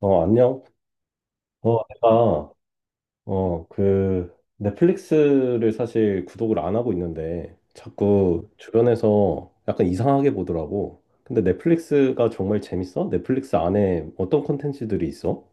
안녕. 어, 내가, 넷플릭스를 사실 구독을 안 하고 있는데, 자꾸 주변에서 약간 이상하게 보더라고. 근데 넷플릭스가 정말 재밌어? 넷플릭스 안에 어떤 콘텐츠들이 있어?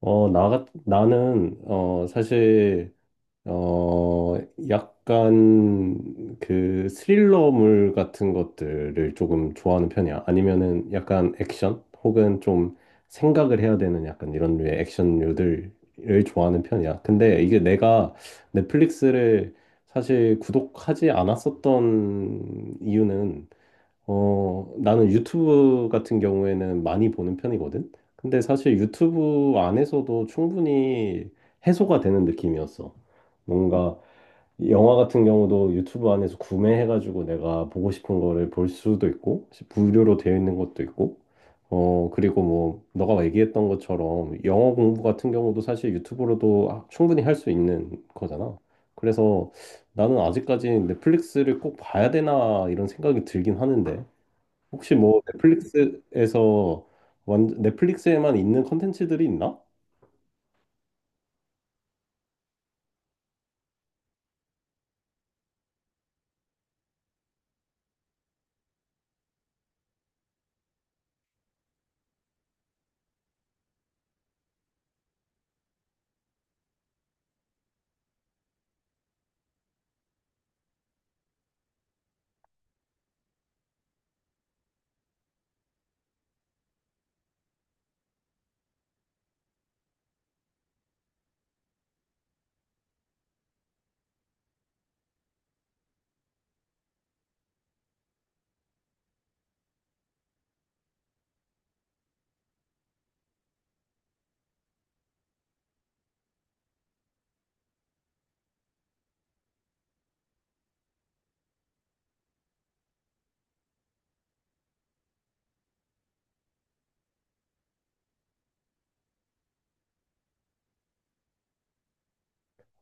나는, 사실 어, 약간 그 스릴러물 같은 것들을 조금 좋아하는 편이야. 아니면은 약간 액션 혹은 좀 생각을 해야 되는 약간 이런 류의 액션류들을 좋아하는 편이야. 근데 이게 내가 넷플릭스를 사실 구독하지 않았었던 이유는 나는 유튜브 같은 경우에는 많이 보는 편이거든. 근데 사실 유튜브 안에서도 충분히 해소가 되는 느낌이었어. 뭔가 영화 같은 경우도 유튜브 안에서 구매해가지고 내가 보고 싶은 거를 볼 수도 있고, 무료로 되어 있는 것도 있고, 그리고 뭐, 너가 얘기했던 것처럼 영어 공부 같은 경우도 사실 유튜브로도 충분히 할 수 있는 거잖아. 그래서 나는 아직까지 넷플릭스를 꼭 봐야 되나 이런 생각이 들긴 하는데, 혹시 뭐 넷플릭스에서 완 넷플릭스에만 있는 컨텐츠들이 있나?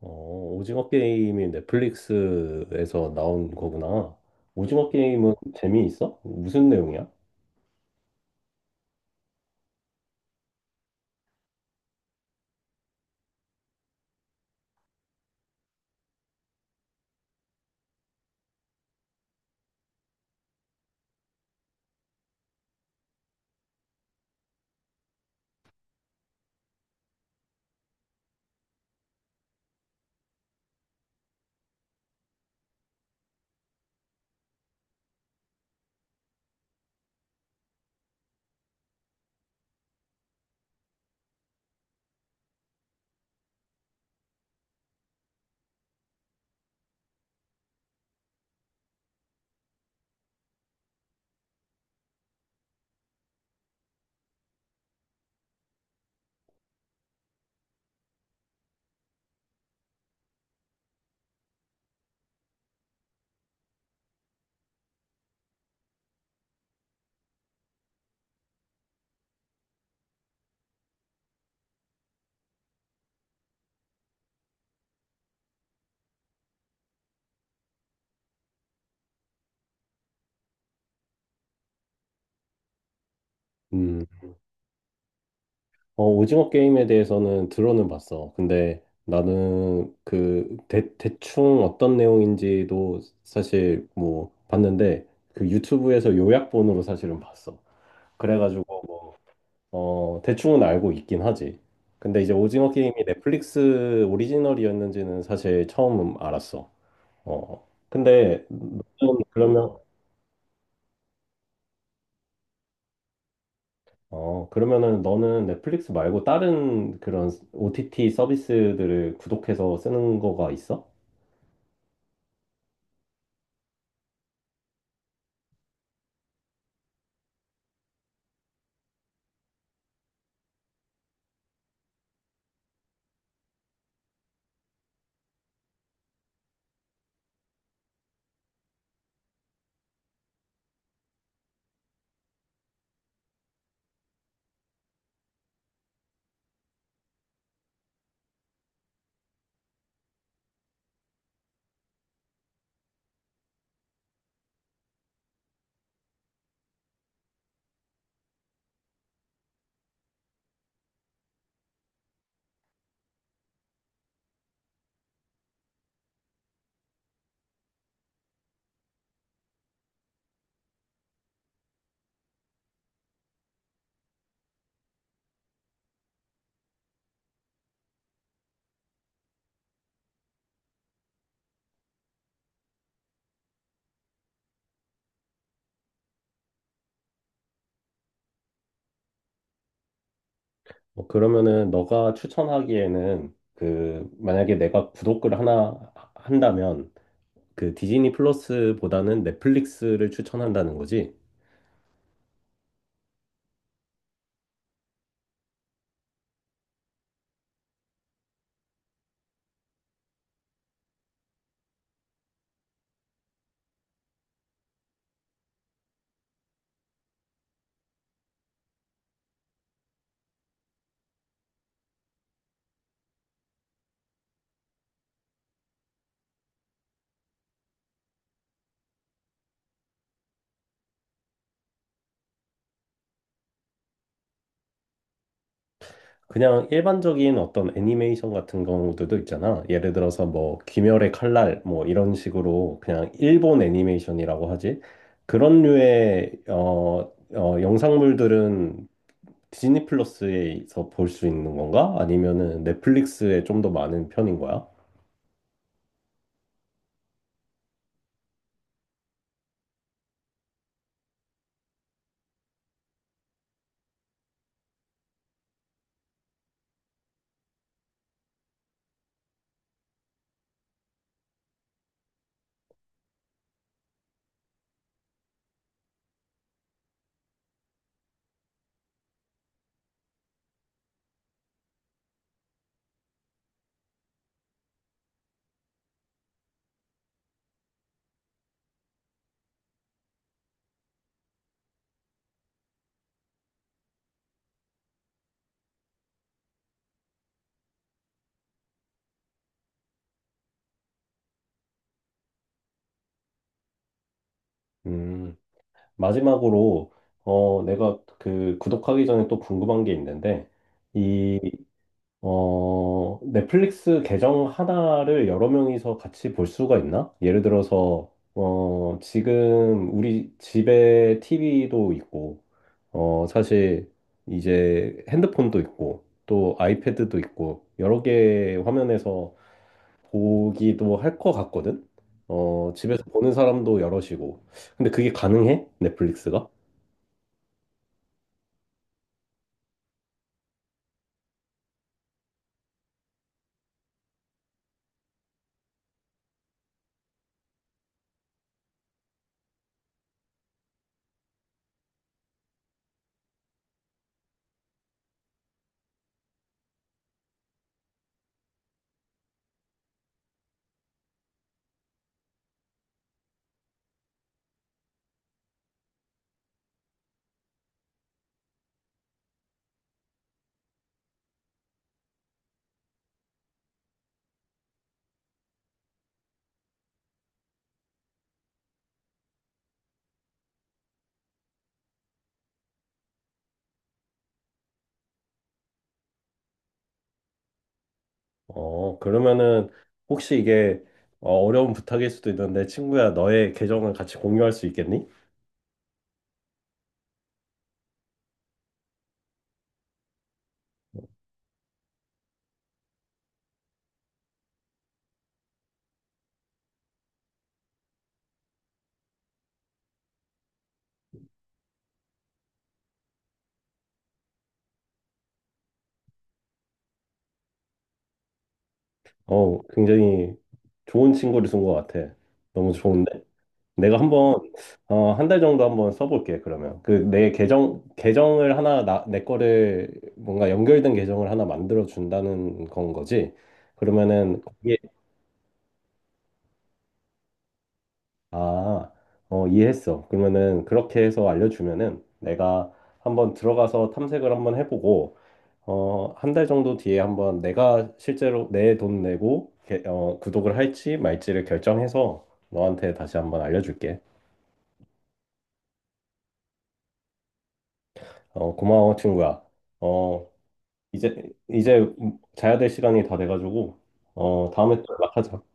어, 오징어 게임이 넷플릭스에서 나온 거구나. 오징어 게임은 재미있어? 무슨 내용이야? 음, 오징어 게임에 대해서는 들어는 봤어. 근데 나는 그 대충 어떤 내용인지도 사실 뭐 봤는데 그 유튜브에서 요약본으로 사실은 봤어. 그래가지고 대충은 알고 있긴 하지. 근데 이제 오징어 게임이 넷플릭스 오리지널이었는지는 사실 처음 알았어. 어. 근데 너는 그러면 어, 그러면은 너는 넷플릭스 말고 다른 그런 OTT 서비스들을 구독해서 쓰는 거가 있어? 뭐 그러면은 너가 추천하기에는 그 만약에 내가 구독을 하나 한다면 그 디즈니 플러스보다는 넷플릭스를 추천한다는 거지. 그냥 일반적인 어떤 애니메이션 같은 경우들도 있잖아. 예를 들어서 뭐 귀멸의 칼날 뭐 이런 식으로 그냥 일본 애니메이션이라고 하지. 그런 류의 영상물들은 디즈니 플러스에서 볼 수 있는 건가? 아니면은 넷플릭스에 좀 더 많은 편인 거야? 음. 마지막으로 내가 그 구독하기 전에 또 궁금한 게 있는데 이 어 넷플릭스 계정 하나를 여러 명이서 같이 볼 수가 있나? 예를 들어서 지금 우리 집에 TV도 있고 사실 이제 핸드폰도 있고 또 아이패드도 있고 여러 개 화면에서 보기도 할 것 같거든. 집에서 보는 사람도 여럿이고 근데 그게 가능해? 넷플릭스가? 그러면은 혹시 이게 어려운 부탁일 수도 있는데 친구야 너의 계정을 같이 공유할 수 있겠니? 굉장히 좋은 친구를 준 것 같아. 너무 좋은데? 내가 한번 한 달 정도 한번 써볼게 그러면. 그 내 계정을 하나 내 거를 뭔가 연결된 계정을 하나 만들어 준다는 건 거지. 그러면은 아, 이해했어. 그러면은 그렇게 해서 알려주면은 내가 한번 들어가서 탐색을 한번 해보고, 한 달 정도 뒤에 한번 내가 실제로 내 돈 내고, 구독을 할지 말지를 결정해서 너한테 다시 한번 알려줄게. 고마워, 친구야. 어, 이제, 이제 자야 될 시간이 다 돼가지고, 다음에 또 연락하자.